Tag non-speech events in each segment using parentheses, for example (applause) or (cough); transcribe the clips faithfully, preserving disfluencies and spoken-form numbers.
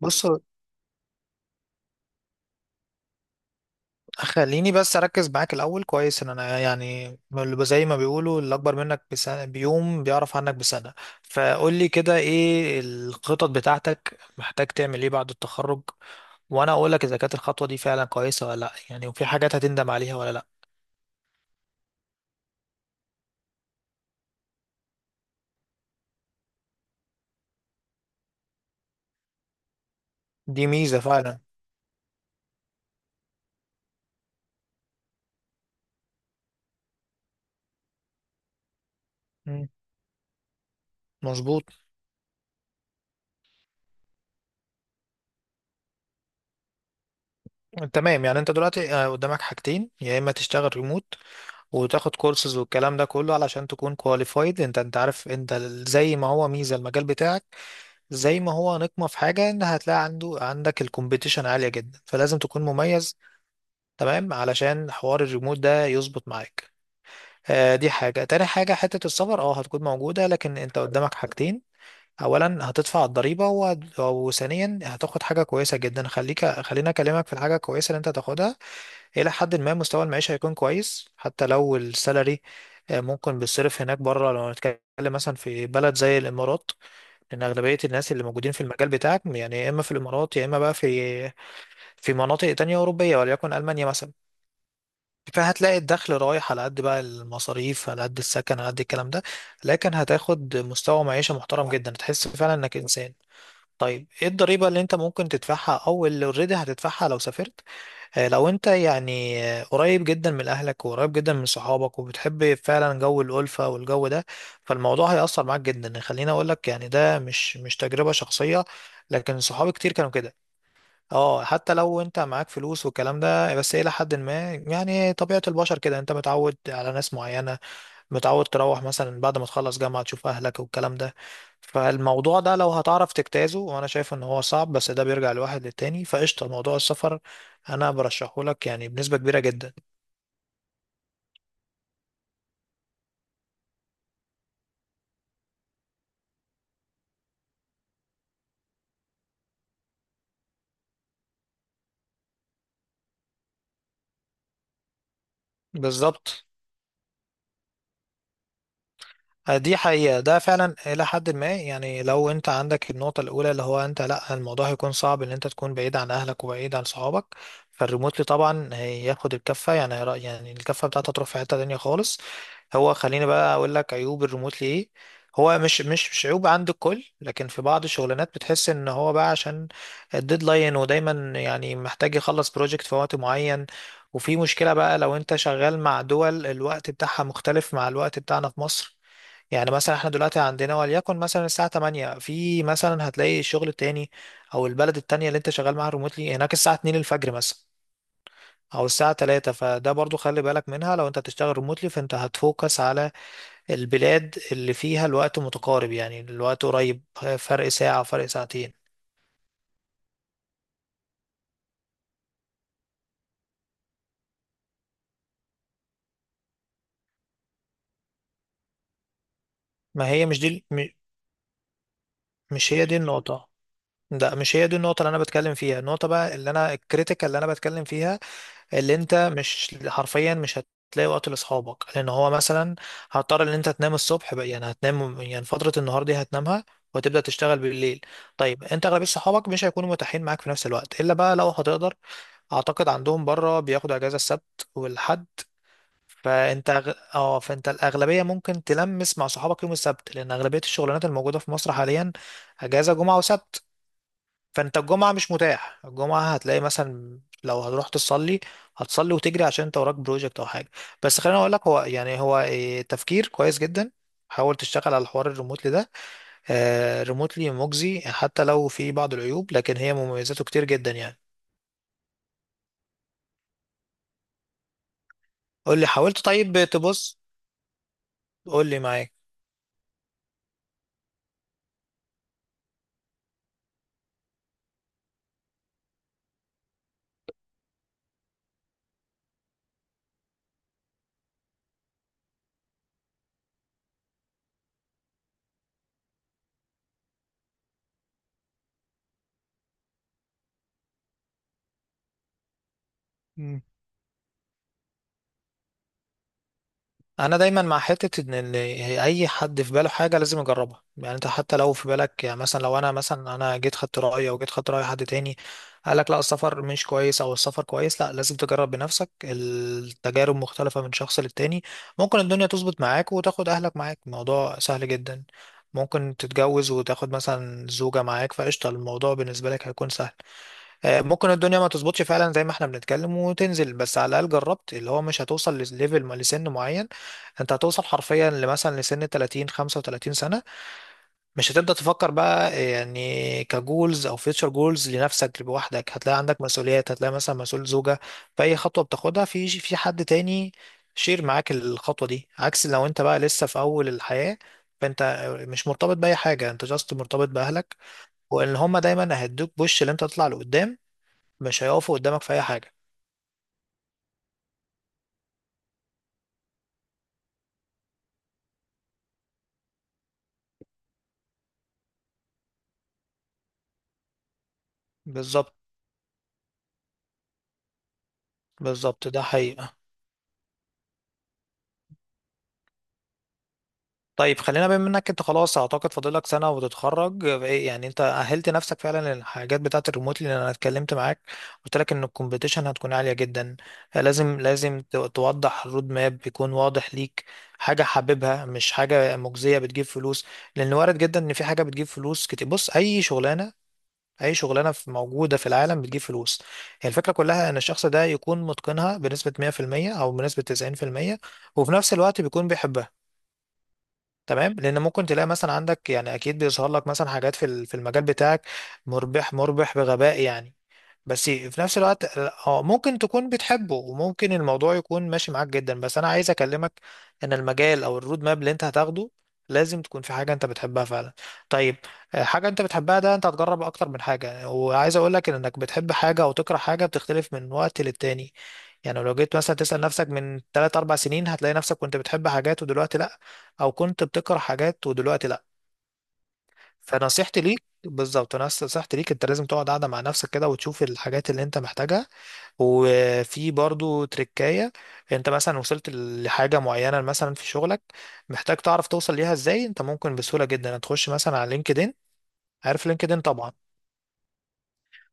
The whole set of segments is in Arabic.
بص، خليني بس اركز معاك الاول كويس ان انا يعني اللي زي ما بيقولوا اللي اكبر منك بسنة بيوم بيعرف عنك بسنة. فقول لي كده ايه الخطط بتاعتك؟ محتاج تعمل ايه بعد التخرج؟ وانا اقول لك اذا كانت الخطوة دي فعلا كويسة ولا لا، يعني، وفي حاجات هتندم عليها ولا لا. دي ميزة فعلا. مم. مظبوط. تمام، يعني انت دلوقتي آه، قدامك حاجتين: يا اما تشتغل ريموت وتاخد كورسز والكلام ده كله علشان تكون كواليفايد. انت انت عارف انت ال- زي ما هو ميزة المجال بتاعك، زي ما هو نقمة في حاجة ان هتلاقي عنده عندك الكومبيتيشن عالية جدا فلازم تكون مميز. تمام، علشان حوار الريموت ده يظبط معاك. آه دي حاجة، تاني حاجة حتة السفر اه هتكون موجودة، لكن انت قدامك حاجتين: اولا هتدفع الضريبة وهت- وثانيا هتاخد حاجة كويسة جدا. خليك خليني اكلمك في الحاجة الكويسة اللي انت هتاخدها. الى حد ما مستوى المعيشة هيكون كويس حتى لو السالري آه، ممكن بيصرف هناك بره لو هنتكلم مثلا في بلد زي الامارات، لان اغلبيه الناس اللي موجودين في المجال بتاعك يعني يا اما في الامارات يا اما بقى في في مناطق تانية اوروبيه وليكن المانيا مثلا. فهتلاقي الدخل رايح على قد، بقى المصاريف على قد، السكن على قد الكلام ده، لكن هتاخد مستوى معيشه محترم جدا، تحس فعلا انك انسان. طيب ايه الضريبه اللي انت ممكن تدفعها او اللي اوريدي هتدفعها لو سافرت؟ آه، لو انت يعني آه، قريب جدا من اهلك وقريب جدا من صحابك وبتحب فعلا جو الالفه والجو ده، فالموضوع هيأثر معاك جدا. خليني اقول لك، يعني، ده مش مش تجربه شخصيه، لكن صحابي كتير كانوا كده. اه حتى لو انت معاك فلوس والكلام ده، بس الى حد ما يعني طبيعه البشر كده، انت متعود على ناس معينه، متعود تروح مثلا بعد ما تخلص جامعة تشوف أهلك والكلام ده. فالموضوع ده لو هتعرف تجتازه، وأنا شايف إن هو صعب بس ده بيرجع لواحد للتاني، فقشطة. موضوع السفر أنا برشحه لك يعني بنسبة كبيرة جدا. بالظبط. دي حقيقة، ده فعلا إلى حد ما، يعني، لو أنت عندك النقطة الأولى اللي هو أنت لأ، الموضوع هيكون صعب إن أنت تكون بعيد عن أهلك وبعيد عن صحابك، فالريموتلي طبعا هياخد الكفة، يعني هيرا- يعني الكفة بتاعته تروح في حتة تانية خالص. هو خليني بقى أقول لك عيوب الريموتلي إيه. هو مش مش مش عيوب عند الكل، لكن في بعض الشغلانات بتحس إن هو بقى، عشان الديدلاين، ودايما يعني محتاج يخلص بروجكت في وقت معين، وفي مشكلة بقى لو أنت شغال مع دول الوقت بتاعها مختلف مع الوقت بتاعنا في مصر. يعني مثلا احنا دلوقتي عندنا وليكن مثلا الساعة تمانية، في مثلا هتلاقي الشغل التاني او البلد التانية اللي انت شغال معاها ريموتلي هناك الساعة الثانية الفجر مثلا او الساعة تلاتة، فده برضو خلي بالك منها. لو انت هتشتغل ريموتلي، فانت هتفوكس على البلاد اللي فيها الوقت متقارب، يعني الوقت قريب، فرق ساعة فرق ساعتين. ما هي مش دي م- مش هي دي النقطة. ده مش هي دي النقطة اللي أنا بتكلم فيها. النقطة بقى، اللي أنا، الكريتيكال اللي أنا بتكلم فيها، اللي انت مش حرفيا مش هتلاقي وقت لاصحابك، لان هو مثلا هضطر ان انت تنام الصبح بقى، يعني هتنام، يعني فترة النهار دي هتنامها وتبدأ تشتغل بالليل. طيب، انت اغلبية صحابك مش هيكونوا متاحين معاك في نفس الوقت الا بقى لو هتقدر، اعتقد عندهم بره بياخدوا اجازة السبت والحد، فانت أغ- اه فانت الاغلبيه ممكن تلمس مع صحابك يوم السبت، لان اغلبيه الشغلانات الموجوده في مصر حاليا اجازه جمعه وسبت. فانت الجمعة مش متاح، الجمعة هتلاقي مثلا لو هتروح تصلي، هتصلي وتجري عشان انت وراك بروجكت او حاجة. بس خليني اقول لك، هو يعني هو إيه، تفكير كويس جدا. حاول تشتغل على الحوار الريموتلي ده. آه، ريموتلي مجزي حتى لو في بعض العيوب، لكن هي مميزاته كتير جدا يعني. قول لي حاولت. طيب، تبص، قول لي معاك. انا دايما مع حته ان إن اي حد في باله حاجه لازم يجربها. يعني انت حتى لو في بالك، يعني، مثلا لو انا مثلا انا جيت خدت رايي او جيت خدت راي حد تاني قال لك لا السفر مش كويس او السفر كويس، لا لازم تجرب بنفسك. التجارب مختلفه من شخص للتاني. ممكن الدنيا تظبط معاك وتاخد اهلك معاك، الموضوع سهل جدا. ممكن تتجوز وتاخد مثلا زوجه معاك فقشطه، الموضوع بالنسبه لك هيكون سهل. آه، ممكن الدنيا ما تظبطش فعلا زي ما احنا بنتكلم وتنزل، بس على الاقل جربت. اللي هو مش هتوصل لليفل ما- لسن معين. انت هتوصل حرفيا لمثلا لسن تلاتين خمسة وتلاتين سنه، مش هتبدا تفكر بقى آه، يعني كجولز او فيوتشر جولز لنفسك لوحدك. هتلاقي عندك مسؤوليات، هتلاقي مثلا مسؤول زوجه، فاي خطوه بتاخدها في في حد تاني شير معاك الخطوه دي. عكس لو انت بقى لسه في اول الحياه، فانت مش مرتبط باي حاجه، انت جاست مرتبط باهلك، وان هما دايما هيدوك بوش اللي انت تطلع لقدام، مش هيقفوا قدامك في اي حاجه. بالظبط. بالظبط، ده حقيقه. طيب، خلينا بما انك انت خلاص اعتقد فاضلك سنه وتتخرج، إيه يعني انت اهلت نفسك فعلا للحاجات بتاعه الريموتلي؟ لان انا اتكلمت معاك، قلت لك ان الكومبيتيشن هتكون عاليه جدا، لازم لازم ت- توضح الرود ماب يكون واضح ليك، حاجه حاببها مش حاجه مجزيه بتجيب فلوس، لان وارد جدا ان في حاجه بتجيب فلوس كتير. بص، اي شغلانه، اي شغلانه في موجوده في العالم بتجيب فلوس، هي الفكره كلها ان الشخص ده يكون متقنها بنسبه مية في المية او بنسبه تسعين في المية، وفي نفس الوقت بيكون بيحبها. تمام، لان ممكن تلاقي مثلا عندك، يعني، اكيد بيظهر لك مثلا حاجات في ال- في المجال بتاعك مربح مربح بغباء يعني، بس في نفس الوقت اه ممكن تكون بتحبه وممكن الموضوع يكون ماشي معاك جدا. بس انا عايز اكلمك ان المجال او الرود ماب اللي انت هتاخده لازم تكون في حاجة انت بتحبها فعلا. طيب، آه، حاجة انت بتحبها، ده انت هتجرب اكتر من حاجة. وعايز اقولك ان انك بتحب حاجة او تكره حاجة بتختلف من وقت للتاني. يعني لو جيت مثلا تسأل نفسك من تلاتة اربع سنين هتلاقي نفسك كنت بتحب حاجات ودلوقتي لا، او كنت بتكره حاجات ودلوقتي لا. فنصيحتي ليك بالظبط، نصيحتي ليك انت لازم تقعد قاعدة مع نفسك كده وتشوف الحاجات اللي انت محتاجها. وفي برضو تركاية، انت مثلا وصلت لحاجة معينة مثلا في شغلك، محتاج تعرف توصل ليها ازاي، انت ممكن بسهولة جدا تخش مثلا على لينكدين. عارف لينكدين طبعا.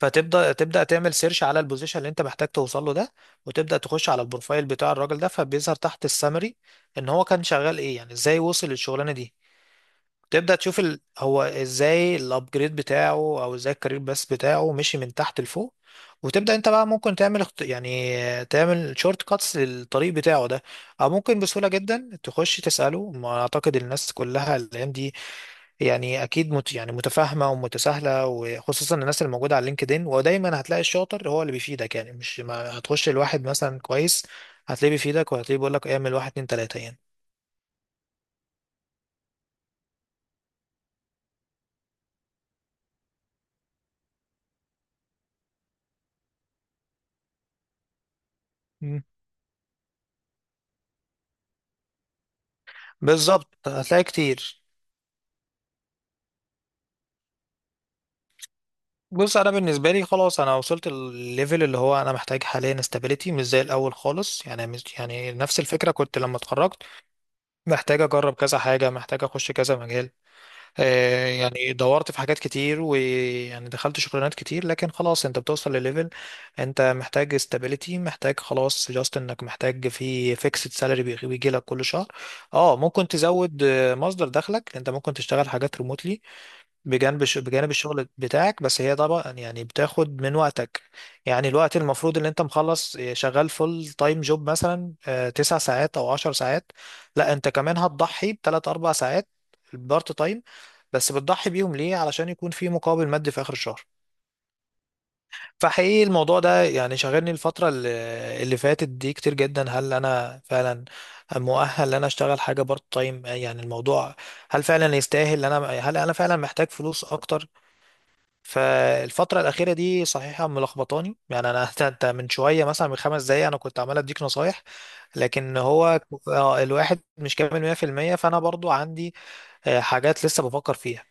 فتبدا تبدا تعمل سيرش على البوزيشن اللي انت محتاج توصل له ده، وتبدا تخش على البروفايل بتاع الراجل ده، فبيظهر تحت السامري ان هو كان شغال ايه يعني، ازاي وصل للشغلانة دي. تبدأ تشوف ال... هو ازاي الابجريد بتاعه او ازاي الكارير بس بتاعه مشي من تحت لفوق. وتبدأ انت بقى ممكن تعمل اخت... يعني تعمل شورت كاتس للطريق بتاعه ده، او ممكن بسهولة جدا تخش تسأله. ما اعتقد الناس كلها الايام دي، يعني اكيد مت... يعني متفاهمة ومتساهلة، وخصوصا الناس اللي موجودة على لينكدين، ودايما هتلاقي الشاطر هو اللي بيفيدك، يعني مش ما هتخش لواحد مثلا كويس هتلاقيه بيفيدك وهتلاقيه بيقول لك اعمل واحد اتنين تلاتة يعني. مم. بالظبط، هتلاقي كتير. بص، انا بالنسبه لي خلاص انا وصلت الليفل اللي هو انا محتاج حاليا استابيليتي، مش زي الاول خالص يعني، مش يعني نفس الفكره كنت لما اتخرجت محتاج اجرب كذا حاجه، محتاج اخش كذا مجال. آه يعني دورت في حاجات كتير ويعني دخلت شغلانات كتير، لكن خلاص انت بتوصل لليفل انت محتاج استابيليتي، محتاج خلاص جاست انك محتاج في فيكسد سالري بيجي لك كل شهر. اه ممكن تزود آه، مصدر دخلك، انت ممكن تشتغل حاجات ريموتلي بجانب ش- بجانب الشغل بتاعك، بس هي طبعا يعني بتاخد من وقتك. يعني الوقت المفروض ان انت مخلص آه، شغال فول تايم جوب مثلا آه، تسع ساعات او عشر ساعات، لا انت كمان هتضحي بتلات اربع ساعات بارت تايم. بس بتضحي بيهم ليه؟ علشان يكون في مقابل مادي في اخر الشهر. فحقيقي الموضوع ده يعني شاغلني الفترة اللي اللي فاتت دي كتير جدا: هل انا فعلا مؤهل ان انا اشتغل حاجة بارت تايم؟ يعني الموضوع، هل فعلا يستاهل ان انا، هل انا فعلا محتاج فلوس اكتر؟ فالفترة الأخيرة دي صحيحة ملخبطاني يعني أنا (laughs) أنت أنت من شوية مثلا من خمس دقايق أنا كنت عمال أديك نصايح، لكن هو آه، الواحد مش كامل مية في المية، فأنا برضو عندي آه، حاجات لسه بفكر فيها.